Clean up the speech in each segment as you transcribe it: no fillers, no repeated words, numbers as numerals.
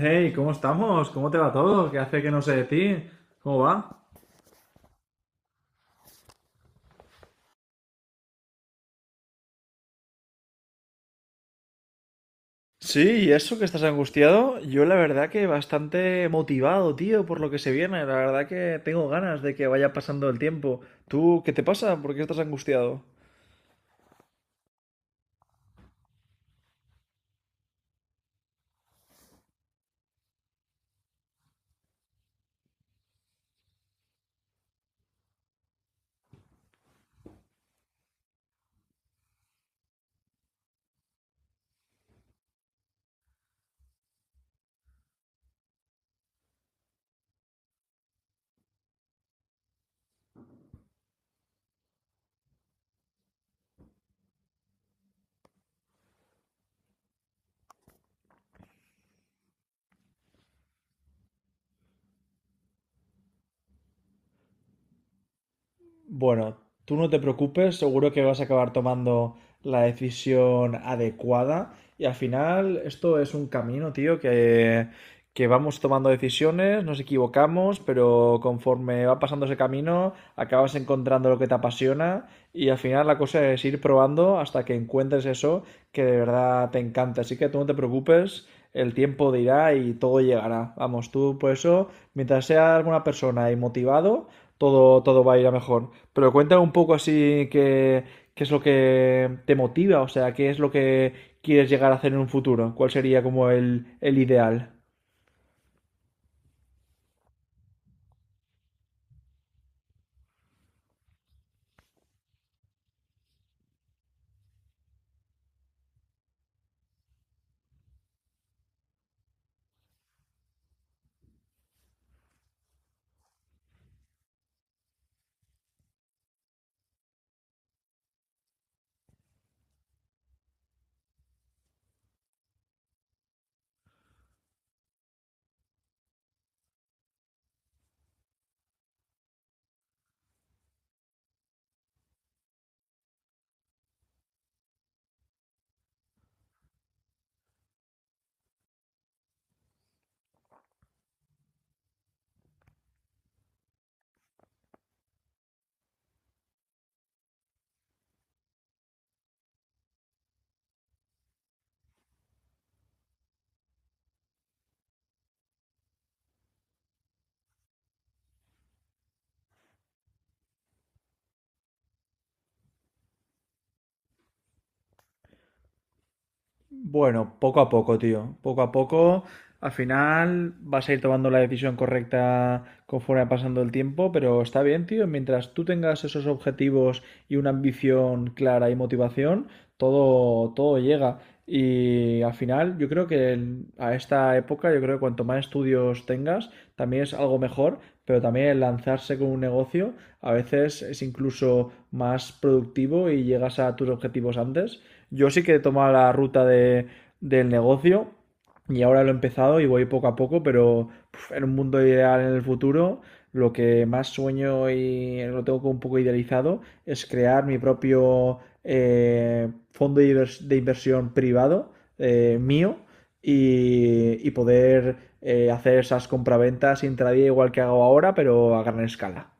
Hey, ¿cómo estamos? ¿Cómo te va todo? ¿Qué hace que no sé de ti? ¿Cómo va? Sí, y eso que estás angustiado, yo la verdad que bastante motivado, tío, por lo que se viene. La verdad que tengo ganas de que vaya pasando el tiempo. ¿Tú qué te pasa? ¿Por qué estás angustiado? Bueno, tú no te preocupes, seguro que vas a acabar tomando la decisión adecuada y al final esto es un camino, tío, que vamos tomando decisiones, nos equivocamos, pero conforme va pasando ese camino, acabas encontrando lo que te apasiona y al final la cosa es ir probando hasta que encuentres eso que de verdad te encanta. Así que tú no te preocupes, el tiempo dirá y todo llegará. Vamos, tú por eso, mientras seas alguna persona y motivado, todo va a ir a mejor. Pero cuéntame un poco así qué, qué es lo que te motiva, o sea, qué es lo que quieres llegar a hacer en un futuro, cuál sería como el ideal. Bueno, poco a poco, tío. Poco a poco, al final vas a ir tomando la decisión correcta conforme va pasando el tiempo, pero está bien, tío. Mientras tú tengas esos objetivos y una ambición clara y motivación, todo llega. Y al final, yo creo que a esta época, yo creo que cuanto más estudios tengas, también es algo mejor, pero también el lanzarse con un negocio a veces es incluso más productivo y llegas a tus objetivos antes. Yo sí que he tomado la ruta del negocio y ahora lo he empezado y voy poco a poco, pero puf, en un mundo ideal en el futuro, lo que más sueño y lo tengo como un poco idealizado es crear mi propio fondo de inversión privado, mío, y poder hacer esas compraventas intradía igual que hago ahora, pero a gran escala.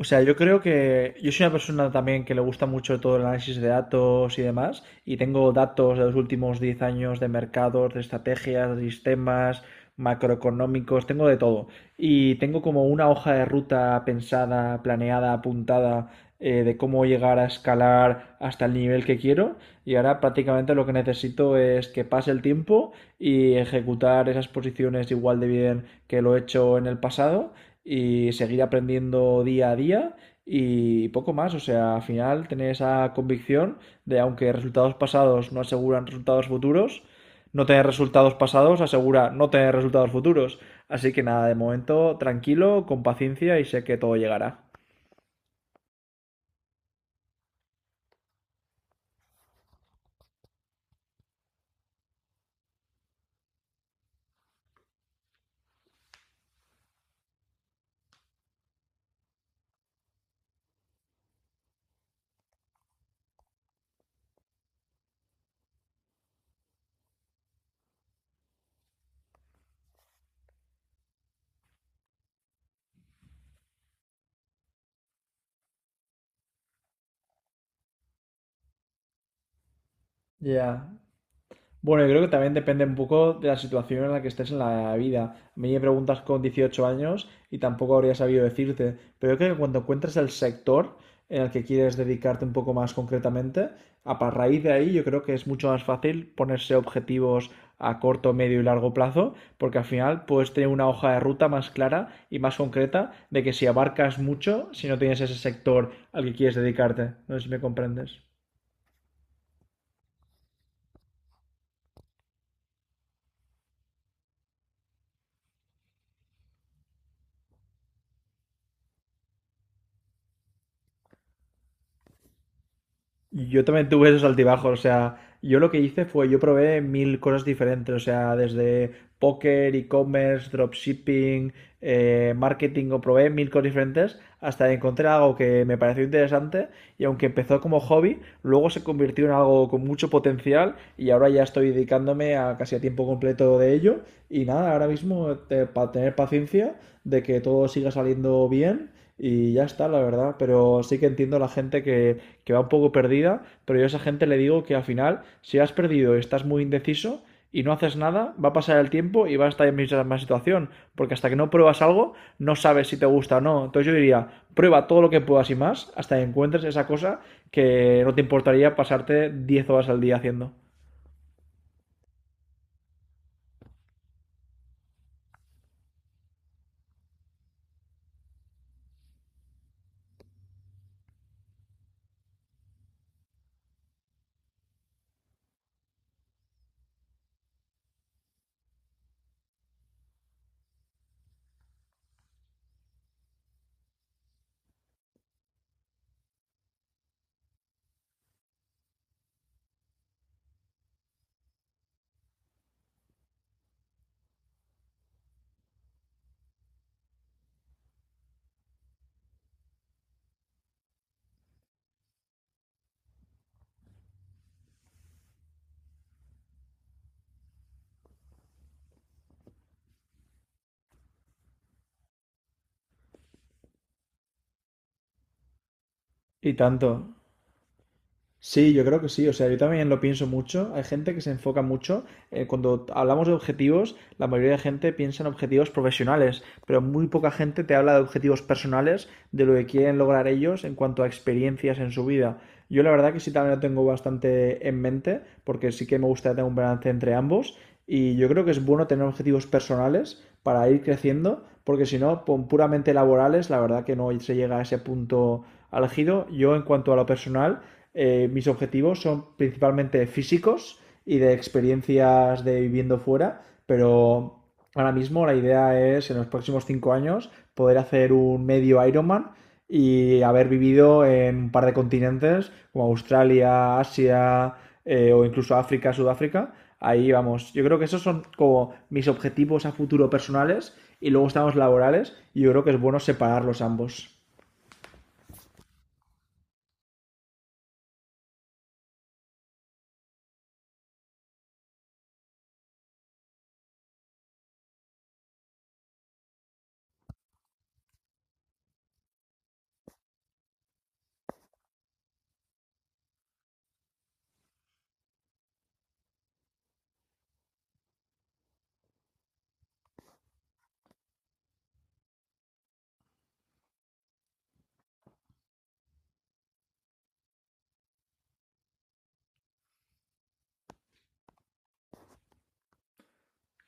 O sea, yo creo que yo soy una persona también que le gusta mucho todo el análisis de datos y demás, y tengo datos de los últimos 10 años de mercados, de estrategias, de sistemas macroeconómicos, tengo de todo. Y tengo como una hoja de ruta pensada, planeada, apuntada, de cómo llegar a escalar hasta el nivel que quiero. Y ahora prácticamente lo que necesito es que pase el tiempo y ejecutar esas posiciones igual de bien que lo he hecho en el pasado y seguir aprendiendo día a día y poco más. O sea, al final tener esa convicción de aunque resultados pasados no aseguran resultados futuros, no tener resultados pasados asegura no tener resultados futuros. Así que nada, de momento tranquilo, con paciencia y sé que todo llegará. Ya. Bueno, yo creo que también depende un poco de la situación en la que estés en la vida. A mí me preguntas con 18 años y tampoco habría sabido decirte, pero yo creo que cuando encuentres el sector en el que quieres dedicarte un poco más concretamente, raíz de ahí yo creo que es mucho más fácil ponerse objetivos a corto, medio y largo plazo, porque al final puedes tener una hoja de ruta más clara y más concreta de que si abarcas mucho, si no tienes ese sector al que quieres dedicarte. No sé si me comprendes. Yo también tuve esos altibajos, o sea, yo lo que hice fue, yo probé mil cosas diferentes, o sea, desde póker, e-commerce, dropshipping, marketing, o probé mil cosas diferentes hasta que encontré algo que me pareció interesante y aunque empezó como hobby, luego se convirtió en algo con mucho potencial y ahora ya estoy dedicándome a casi a tiempo completo de ello y nada, ahora mismo para tener paciencia de que todo siga saliendo bien y ya está, la verdad, pero sí que entiendo la gente que va un poco perdida, pero yo a esa gente le digo que al final, si has perdido y estás muy indeciso y no haces nada, va a pasar el tiempo y va a estar en la misma situación, porque hasta que no pruebas algo, no sabes si te gusta o no. Entonces yo diría, prueba todo lo que puedas y más hasta que encuentres esa cosa que no te importaría pasarte 10 horas al día haciendo. Y tanto. Sí, yo creo que sí. O sea, yo también lo pienso mucho. Hay gente que se enfoca mucho. Cuando hablamos de objetivos, la mayoría de gente piensa en objetivos profesionales, pero muy poca gente te habla de objetivos personales, de lo que quieren lograr ellos en cuanto a experiencias en su vida. Yo la verdad que sí también lo tengo bastante en mente, porque sí que me gusta tener un balance entre ambos. Y yo creo que es bueno tener objetivos personales para ir creciendo, porque si no, con puramente laborales, la verdad que no se llega a ese punto álgido. Yo en cuanto a lo personal, mis objetivos son principalmente físicos y de experiencias de viviendo fuera, pero ahora mismo la idea es en los próximos 5 años poder hacer un medio Ironman y haber vivido en un par de continentes como Australia, Asia, o incluso África, Sudáfrica. Ahí vamos. Yo creo que esos son como mis objetivos a futuro personales y luego estamos laborales y yo creo que es bueno separarlos ambos.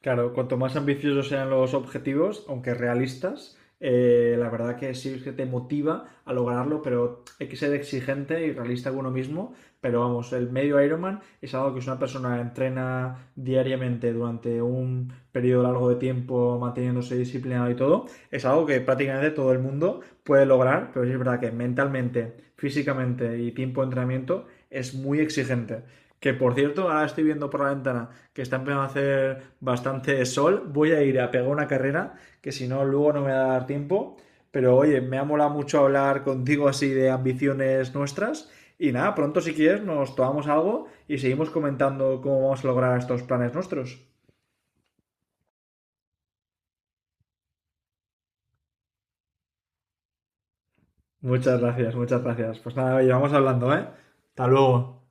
Claro, cuanto más ambiciosos sean los objetivos, aunque realistas, la verdad que sí que te motiva a lograrlo, pero hay que ser exigente y realista con uno mismo. Pero vamos, el medio Ironman es algo que si una persona entrena diariamente durante un periodo largo de tiempo, manteniéndose disciplinado y todo, es algo que prácticamente todo el mundo puede lograr, pero sí es verdad que mentalmente, físicamente y tiempo de entrenamiento es muy exigente. Que por cierto, ahora estoy viendo por la ventana que está empezando a hacer bastante sol. Voy a ir a pegar una carrera, que si no, luego no me va a dar tiempo. Pero oye, me ha molado mucho hablar contigo así de ambiciones nuestras. Y nada, pronto si quieres nos tomamos algo y seguimos comentando cómo vamos a lograr estos planes nuestros. Muchas gracias, muchas gracias. Pues nada, oye, vamos hablando, ¿eh? Hasta luego.